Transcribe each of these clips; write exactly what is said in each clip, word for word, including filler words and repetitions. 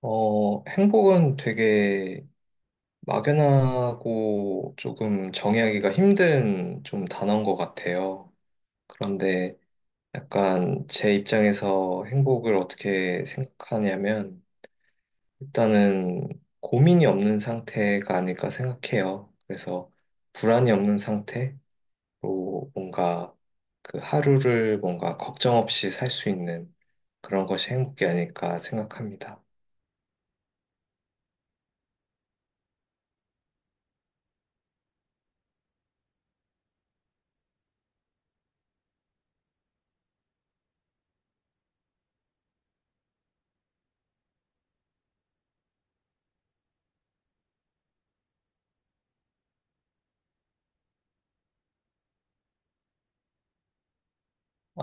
어, 행복은 되게 막연하고 조금 정의하기가 힘든 좀 단어인 것 같아요. 그런데 약간 제 입장에서 행복을 어떻게 생각하냐면 일단은 고민이 없는 상태가 아닐까 생각해요. 그래서 불안이 없는 상태로 뭔가 그 하루를 뭔가 걱정 없이 살 수 있는 그런 것이 행복이 아닐까 생각합니다.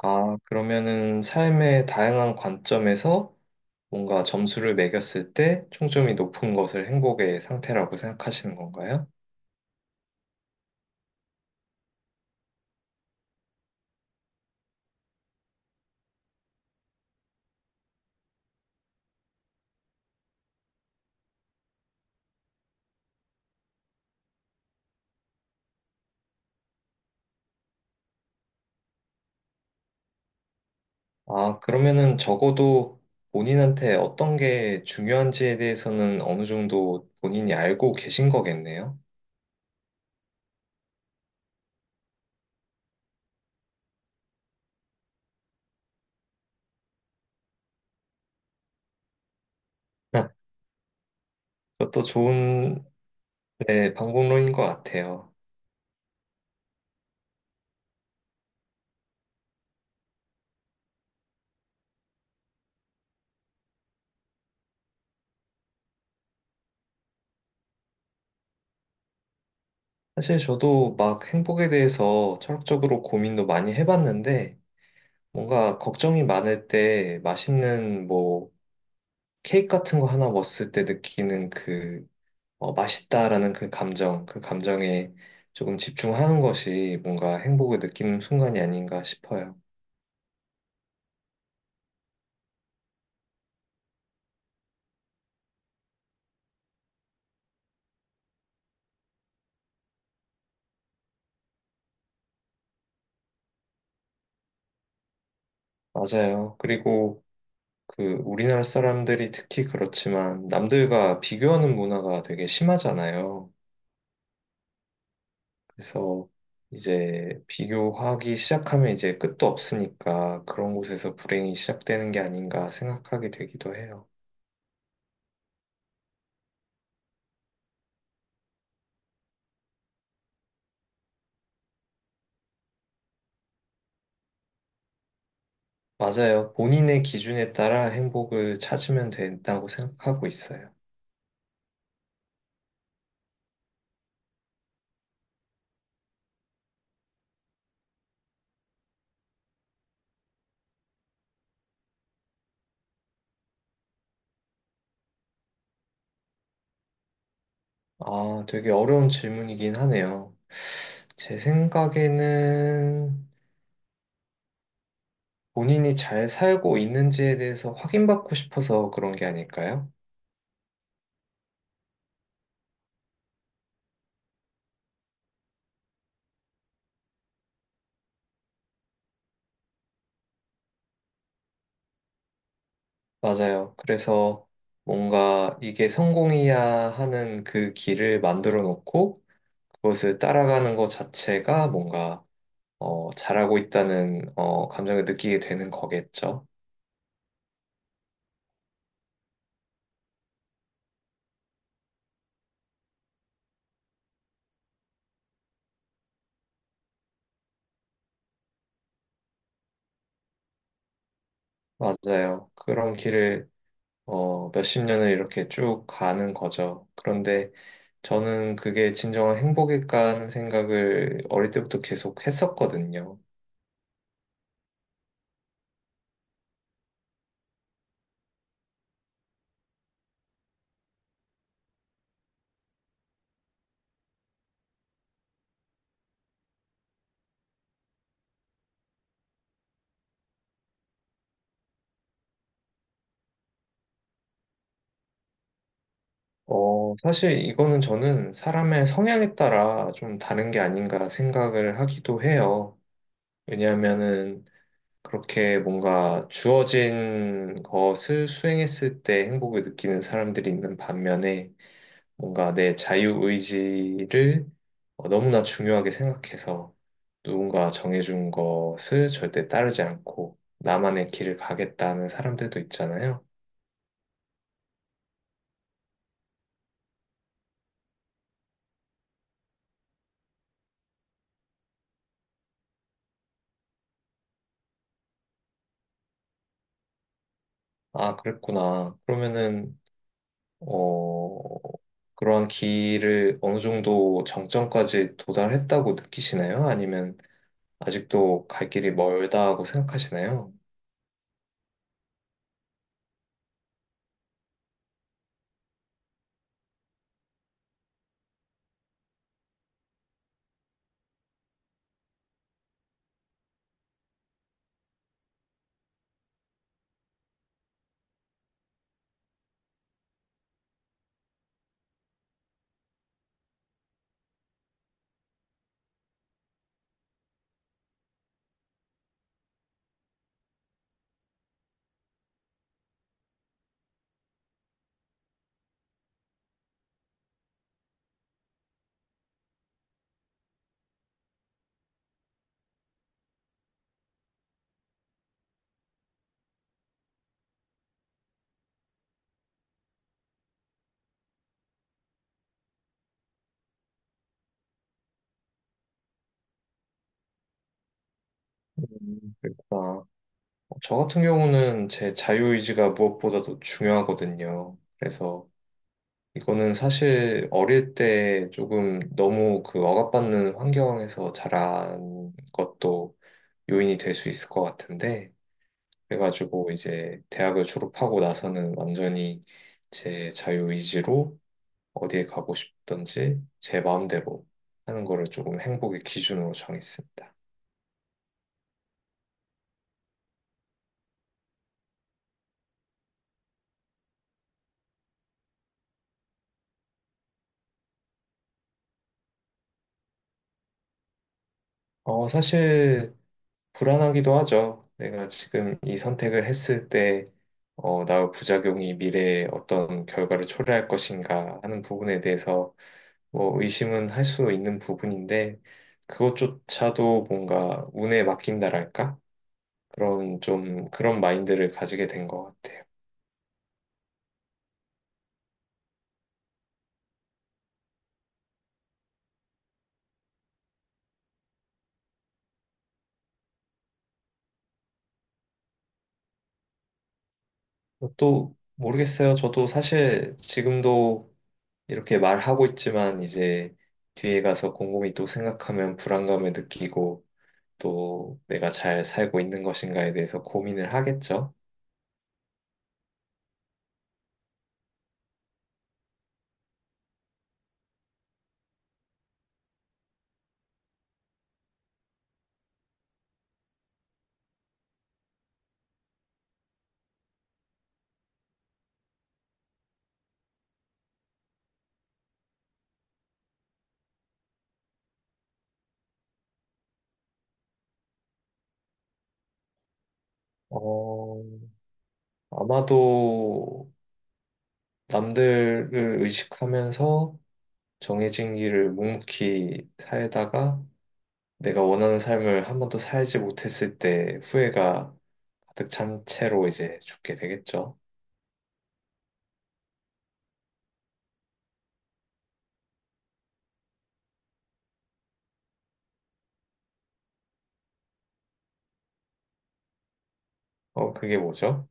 아, 그러면은 삶의 다양한 관점에서 뭔가 점수를 매겼을 때 총점이 높은 것을 행복의 상태라고 생각하시는 건가요? 아, 그러면은 적어도 본인한테 어떤 게 중요한지에 대해서는 어느 정도 본인이 알고 계신 거겠네요. 네. 그것도 좋은, 네, 방법론인 것 같아요. 사실 저도 막 행복에 대해서 철학적으로 고민도 많이 해봤는데, 뭔가 걱정이 많을 때 맛있는 뭐 케이크 같은 거 하나 먹었을 때 느끼는 그 어, 맛있다라는 그 감정, 그 감정에 조금 집중하는 것이 뭔가 행복을 느끼는 순간이 아닌가 싶어요. 맞아요. 그리고 그 우리나라 사람들이 특히 그렇지만 남들과 비교하는 문화가 되게 심하잖아요. 그래서 이제 비교하기 시작하면 이제 끝도 없으니까 그런 곳에서 불행이 시작되는 게 아닌가 생각하게 되기도 해요. 맞아요. 본인의 기준에 따라 행복을 찾으면 된다고 생각하고 있어요. 아, 되게 어려운 질문이긴 하네요. 제 생각에는 본인이 잘 살고 있는지에 대해서 확인받고 싶어서 그런 게 아닐까요? 맞아요. 그래서 뭔가 이게 성공이야 하는 그 길을 만들어 놓고 그것을 따라가는 것 자체가 뭔가 어, 잘하고 있다는 어, 감정을 느끼게 되는 거겠죠. 맞아요. 그런 길을 어, 몇십 년을 이렇게 쭉 가는 거죠. 그런데 저는 그게 진정한 행복일까 하는 생각을 어릴 때부터 계속 했었거든요. 어, 사실 이거는 저는 사람의 성향에 따라 좀 다른 게 아닌가 생각을 하기도 해요. 왜냐하면은 그렇게 뭔가 주어진 것을 수행했을 때 행복을 느끼는 사람들이 있는 반면에 뭔가 내 자유의지를 어, 너무나 중요하게 생각해서 누군가 정해준 것을 절대 따르지 않고 나만의 길을 가겠다는 사람들도 있잖아요. 아, 그랬구나. 그러면은, 어, 그러한 길을 어느 정도 정점까지 도달했다고 느끼시나요? 아니면 아직도 갈 길이 멀다고 생각하시나요? 음, 그렇구나. 어, 저 같은 경우는 제 자유의지가 무엇보다도 중요하거든요. 그래서 이거는 사실 어릴 때 조금 너무 그 억압받는 환경에서 자란 것도 요인이 될 수 있을 것 같은데, 그래가지고 이제 대학을 졸업하고 나서는 완전히 제 자유의지로 어디에 가고 싶든지 제 마음대로 하는 거를 조금 행복의 기준으로 정했습니다. 어, 사실 불안하기도 하죠. 내가 지금 이 선택을 했을 때, 어, 나올 부작용이 미래에 어떤 결과를 초래할 것인가 하는 부분에 대해서 뭐 의심은 할 수 있는 부분인데, 그것조차도 뭔가 운에 맡긴다랄까? 그런 좀 그런 마인드를 가지게 된 것 같아요. 또 모르겠어요. 저도 사실 지금도 이렇게 말하고 있지만 이제 뒤에 가서 곰곰이 또 생각하면 불안감을 느끼고 또 내가 잘 살고 있는 것인가에 대해서 고민을 하겠죠. 어, 아마도 남들을 의식하면서 정해진 길을 묵묵히 살다가 내가 원하는 삶을 한 번도 살지 못했을 때 후회가 가득 찬 채로 이제 죽게 되겠죠. 어, 그게 뭐죠?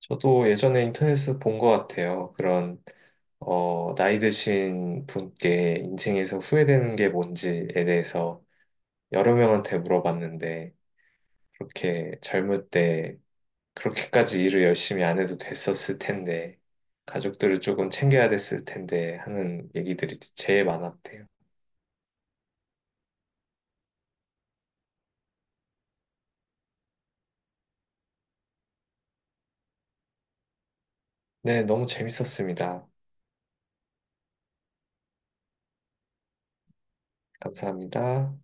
저도 예전에 인터넷에서 본 것 같아요. 그런, 어, 나이 드신 분께 인생에서 후회되는 게 뭔지에 대해서 여러 명한테 물어봤는데 그렇게 젊을 때 그렇게까지 일을 열심히 안 해도 됐었을 텐데, 가족들을 조금 챙겨야 됐을 텐데 하는 얘기들이 제일 많았대요. 네, 너무 재밌었습니다. 감사합니다.